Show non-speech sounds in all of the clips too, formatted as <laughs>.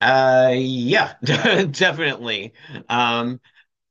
Yeah, <laughs> definitely. Um,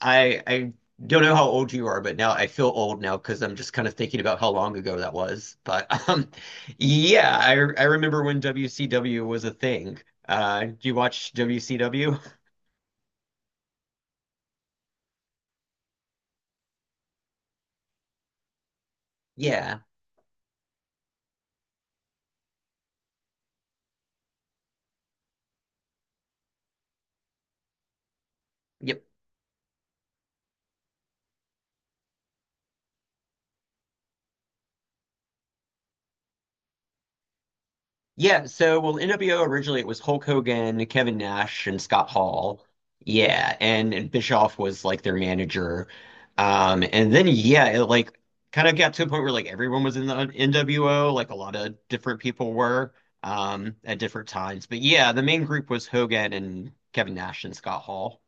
I don't know how old you are, but now I feel old now because I'm just kind of thinking about how long ago that was. But <laughs> yeah, I remember when WCW was a thing. Do you watch WCW? Yeah. Yep. Yeah, so, NWO originally it was Hulk Hogan, Kevin Nash, and Scott Hall. Yeah, and Bischoff was like their manager. And then yeah, it like kind of got to a point where like everyone was in the NWO, like a lot of different people were at different times. But yeah, the main group was Hogan and Kevin Nash and Scott Hall.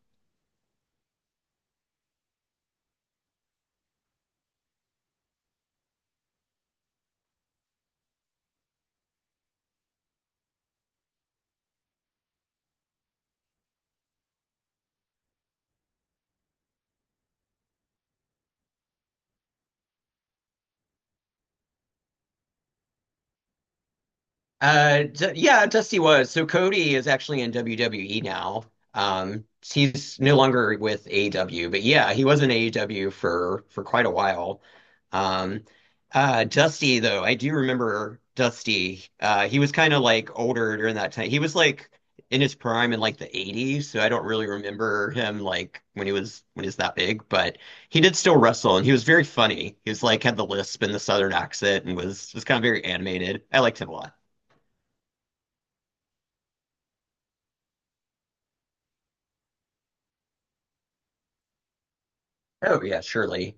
D Yeah, Dusty was. So Cody is actually in WWE now. He's no longer with AEW, but yeah, he was in AEW for quite a while. Um, Dusty though, I do remember Dusty. He was kind of like older during that time. He was like in his prime in like the 80s, so I don't really remember him like when he was that big, but he did still wrestle and he was very funny. He was like had the lisp and the southern accent and was kind of very animated. I liked him a lot. Oh yeah, surely.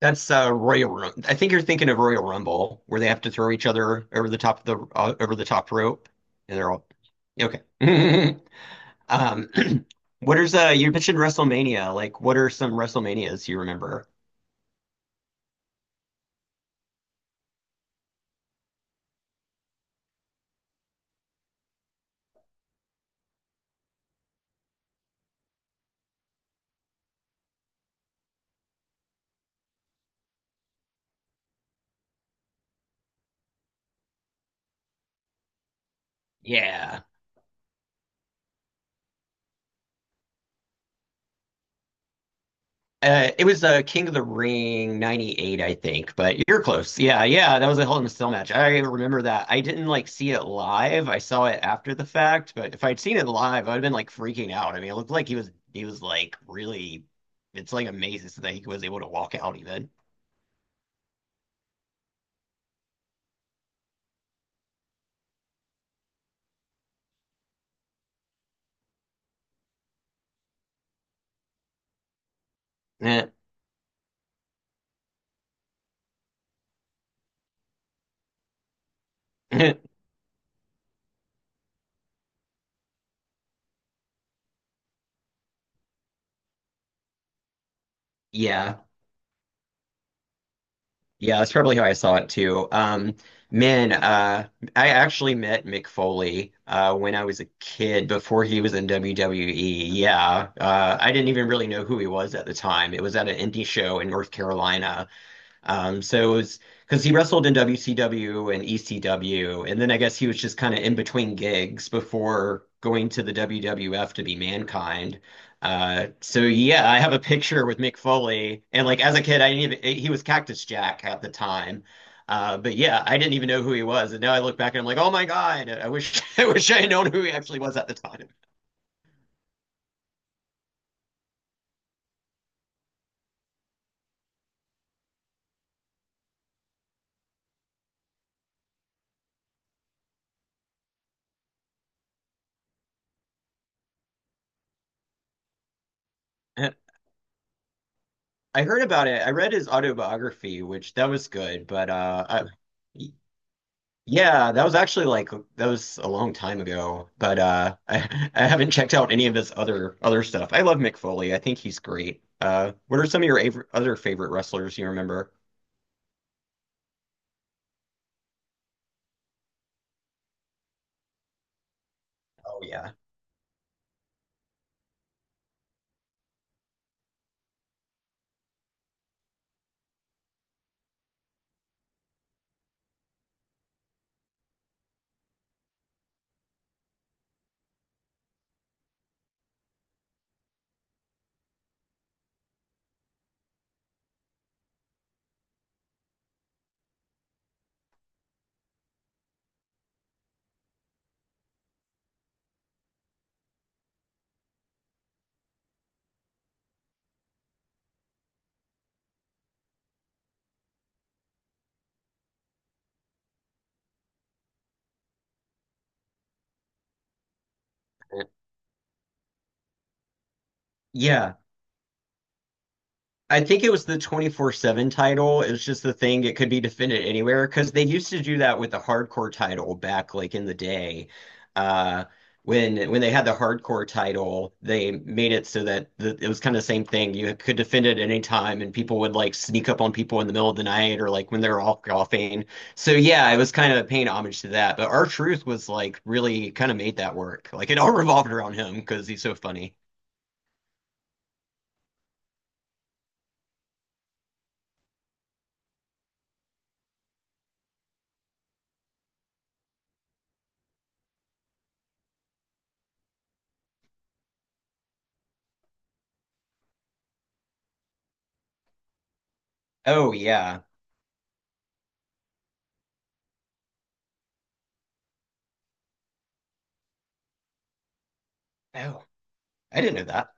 That's Royal Rum. I think you're thinking of Royal Rumble, where they have to throw each other over the top of the over the top rope, and they're all okay. <laughs> Um, <clears throat> what is? You mentioned WrestleMania. Like, what are some WrestleManias you remember? Yeah. It was King of the Ring '98, I think. But you're close. Yeah, yeah, that was a Hell in a Cell match. I remember that. I didn't like see it live. I saw it after the fact. But if I'd seen it live, I'd have been like freaking out. I mean, it looked like he was like really. It's like amazing that he was able to walk out even. <laughs> Yeah. Yeah, that's probably how I saw it too. Man, I actually met Mick Foley when I was a kid before he was in WWE. Yeah, I didn't even really know who he was at the time. It was at an indie show in North Carolina. So it was because he wrestled in WCW and ECW, and then I guess he was just kind of in between gigs before going to the WWF to be Mankind. So yeah, I have a picture with Mick Foley, and like as a kid, I didn't even, he was Cactus Jack at the time. But yeah, I didn't even know who he was, and now I look back and I'm like, oh my God, I wish <laughs> I wish I had known who he actually was at the time. <laughs> I heard about it. I read his autobiography, which that was good, but yeah, that was actually like that was a long time ago, but <laughs> I haven't checked out any of his other stuff. I love Mick Foley. I think he's great. What are some of your other favorite wrestlers you remember? Oh yeah. Yeah, I think it was the 24/7 title. It was just the thing. It could be defended anywhere because they used to do that with the hardcore title back like in the day. Uh, when they had the hardcore title, they made it so that it was kind of the same thing. You could defend it at any time, and people would like sneak up on people in the middle of the night or like when they are all golfing. So yeah, it was kind of paying homage to that. But our truth was like really kind of made that work. Like it all <laughs> revolved around him because he's so funny. Oh yeah. Oh, I didn't know that.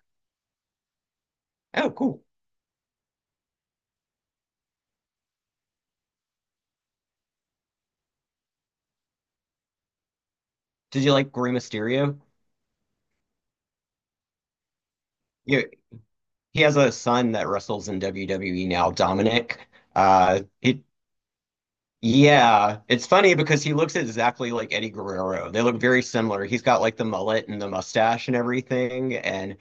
Oh, cool. Did you like Rey Mysterio? You, he has a son that wrestles in WWE now, Dominic. He Yeah, it's funny because he looks exactly like Eddie Guerrero. They look very similar. He's got like the mullet and the mustache and everything. And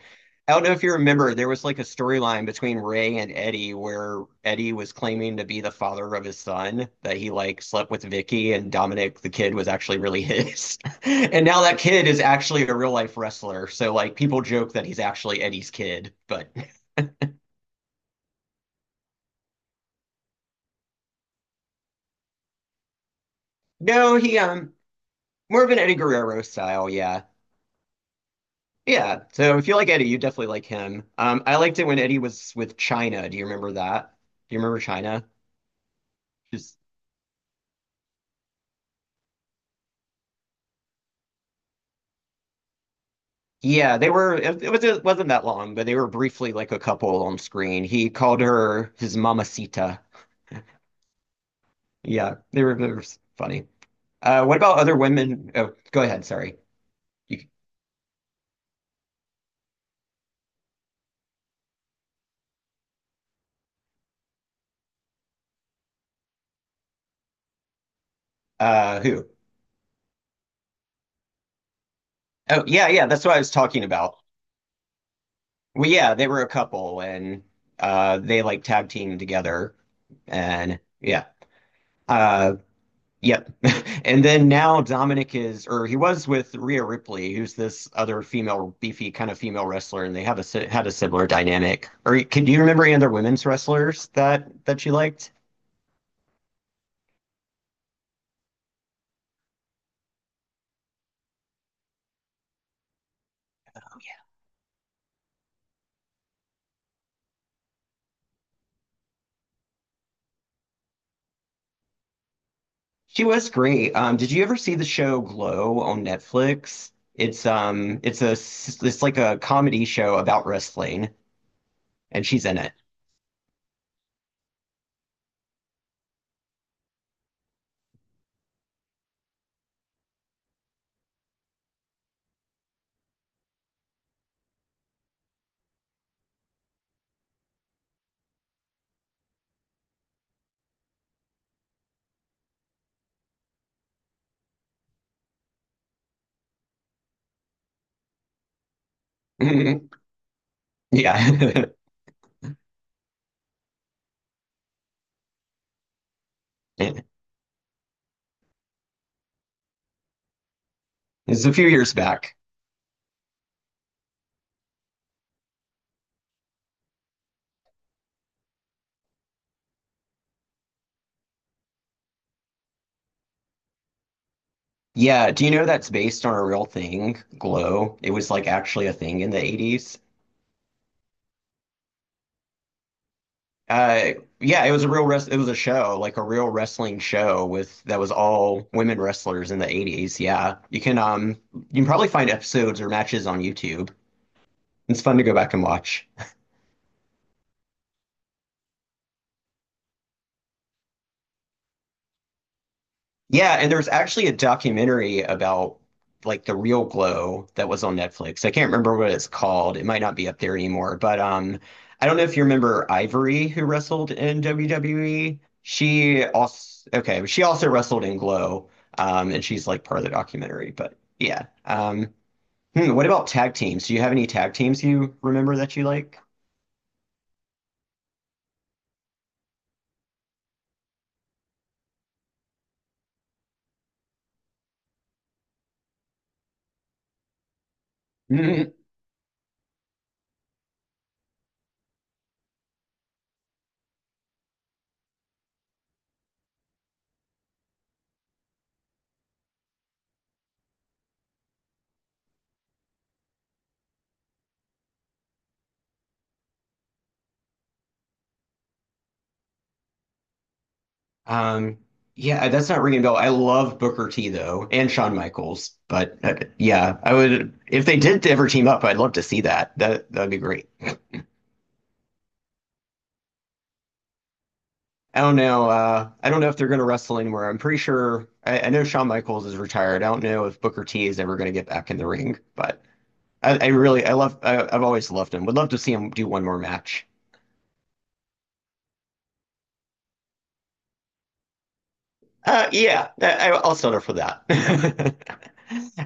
I don't know if you remember, there was like a storyline between Ray and Eddie where Eddie was claiming to be the father of his son, that he like slept with Vicky and Dominic the kid was actually really his. <laughs> And now that kid is actually a real life wrestler. So like people joke that he's actually Eddie's kid, but <laughs> no, he more of an Eddie Guerrero style, yeah. Yeah, so if you like Eddie, you definitely like him. I liked it when Eddie was with China. Do you remember that? Do you remember China? Just Yeah, they were. It was it wasn't that long, but they were briefly like a couple on screen. He called her his mamacita. Yeah, they were funny. What about other women? Oh, go ahead. Sorry. You, who? Oh, yeah, yeah. That's what I was talking about. Well, yeah, they were a couple, and they like tag team together, and yeah. Uh, Yep. <laughs> And then now Dominic is, or he was with Rhea Ripley, who's this other female, beefy kind of female wrestler, and they have a had a similar dynamic. Or can do you remember any other women's wrestlers that you liked? She was great. Did you ever see the show Glow on Netflix? It's it's like a comedy show about wrestling, and she's in it. <laughs> Yeah, <laughs> it's a few years back. Yeah, do you know that's based on a real thing, Glow? It was like actually a thing in the 80s. Uh yeah, it was a real res it was a show, like a real wrestling show with that was all women wrestlers in the 80s. Yeah. You can probably find episodes or matches on YouTube. It's fun to go back and watch. Yeah, and there's actually a documentary about like the real glow that was on Netflix. I can't remember what it's called. It might not be up there anymore, but I don't know if you remember Ivory who wrestled in WWE. She also okay, she also wrestled in Glow. And she's like part of the documentary, but yeah. Hmm, what about tag teams? Do you have any tag teams you remember that you like? Um, yeah, that's not ringing a bell. I love Booker T though, and Shawn Michaels. But yeah, I would if they did ever team up, I'd love to see that. That'd be great. I don't know. I don't know if they're going to wrestle anywhere. I'm pretty sure. I know Shawn Michaels is retired. I don't know if Booker T is ever going to get back in the ring. But I really, I love. I've always loved him. Would love to see him do one more match. Yeah, I'll settle for that. <laughs>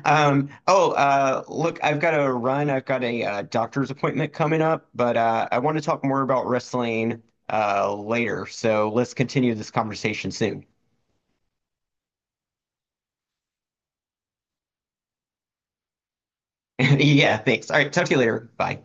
Oh, Look, I've got to run. I've got a doctor's appointment coming up, but I want to talk more about wrestling later. So let's continue this conversation soon. <laughs> Yeah, thanks. All right, talk to you later. Bye.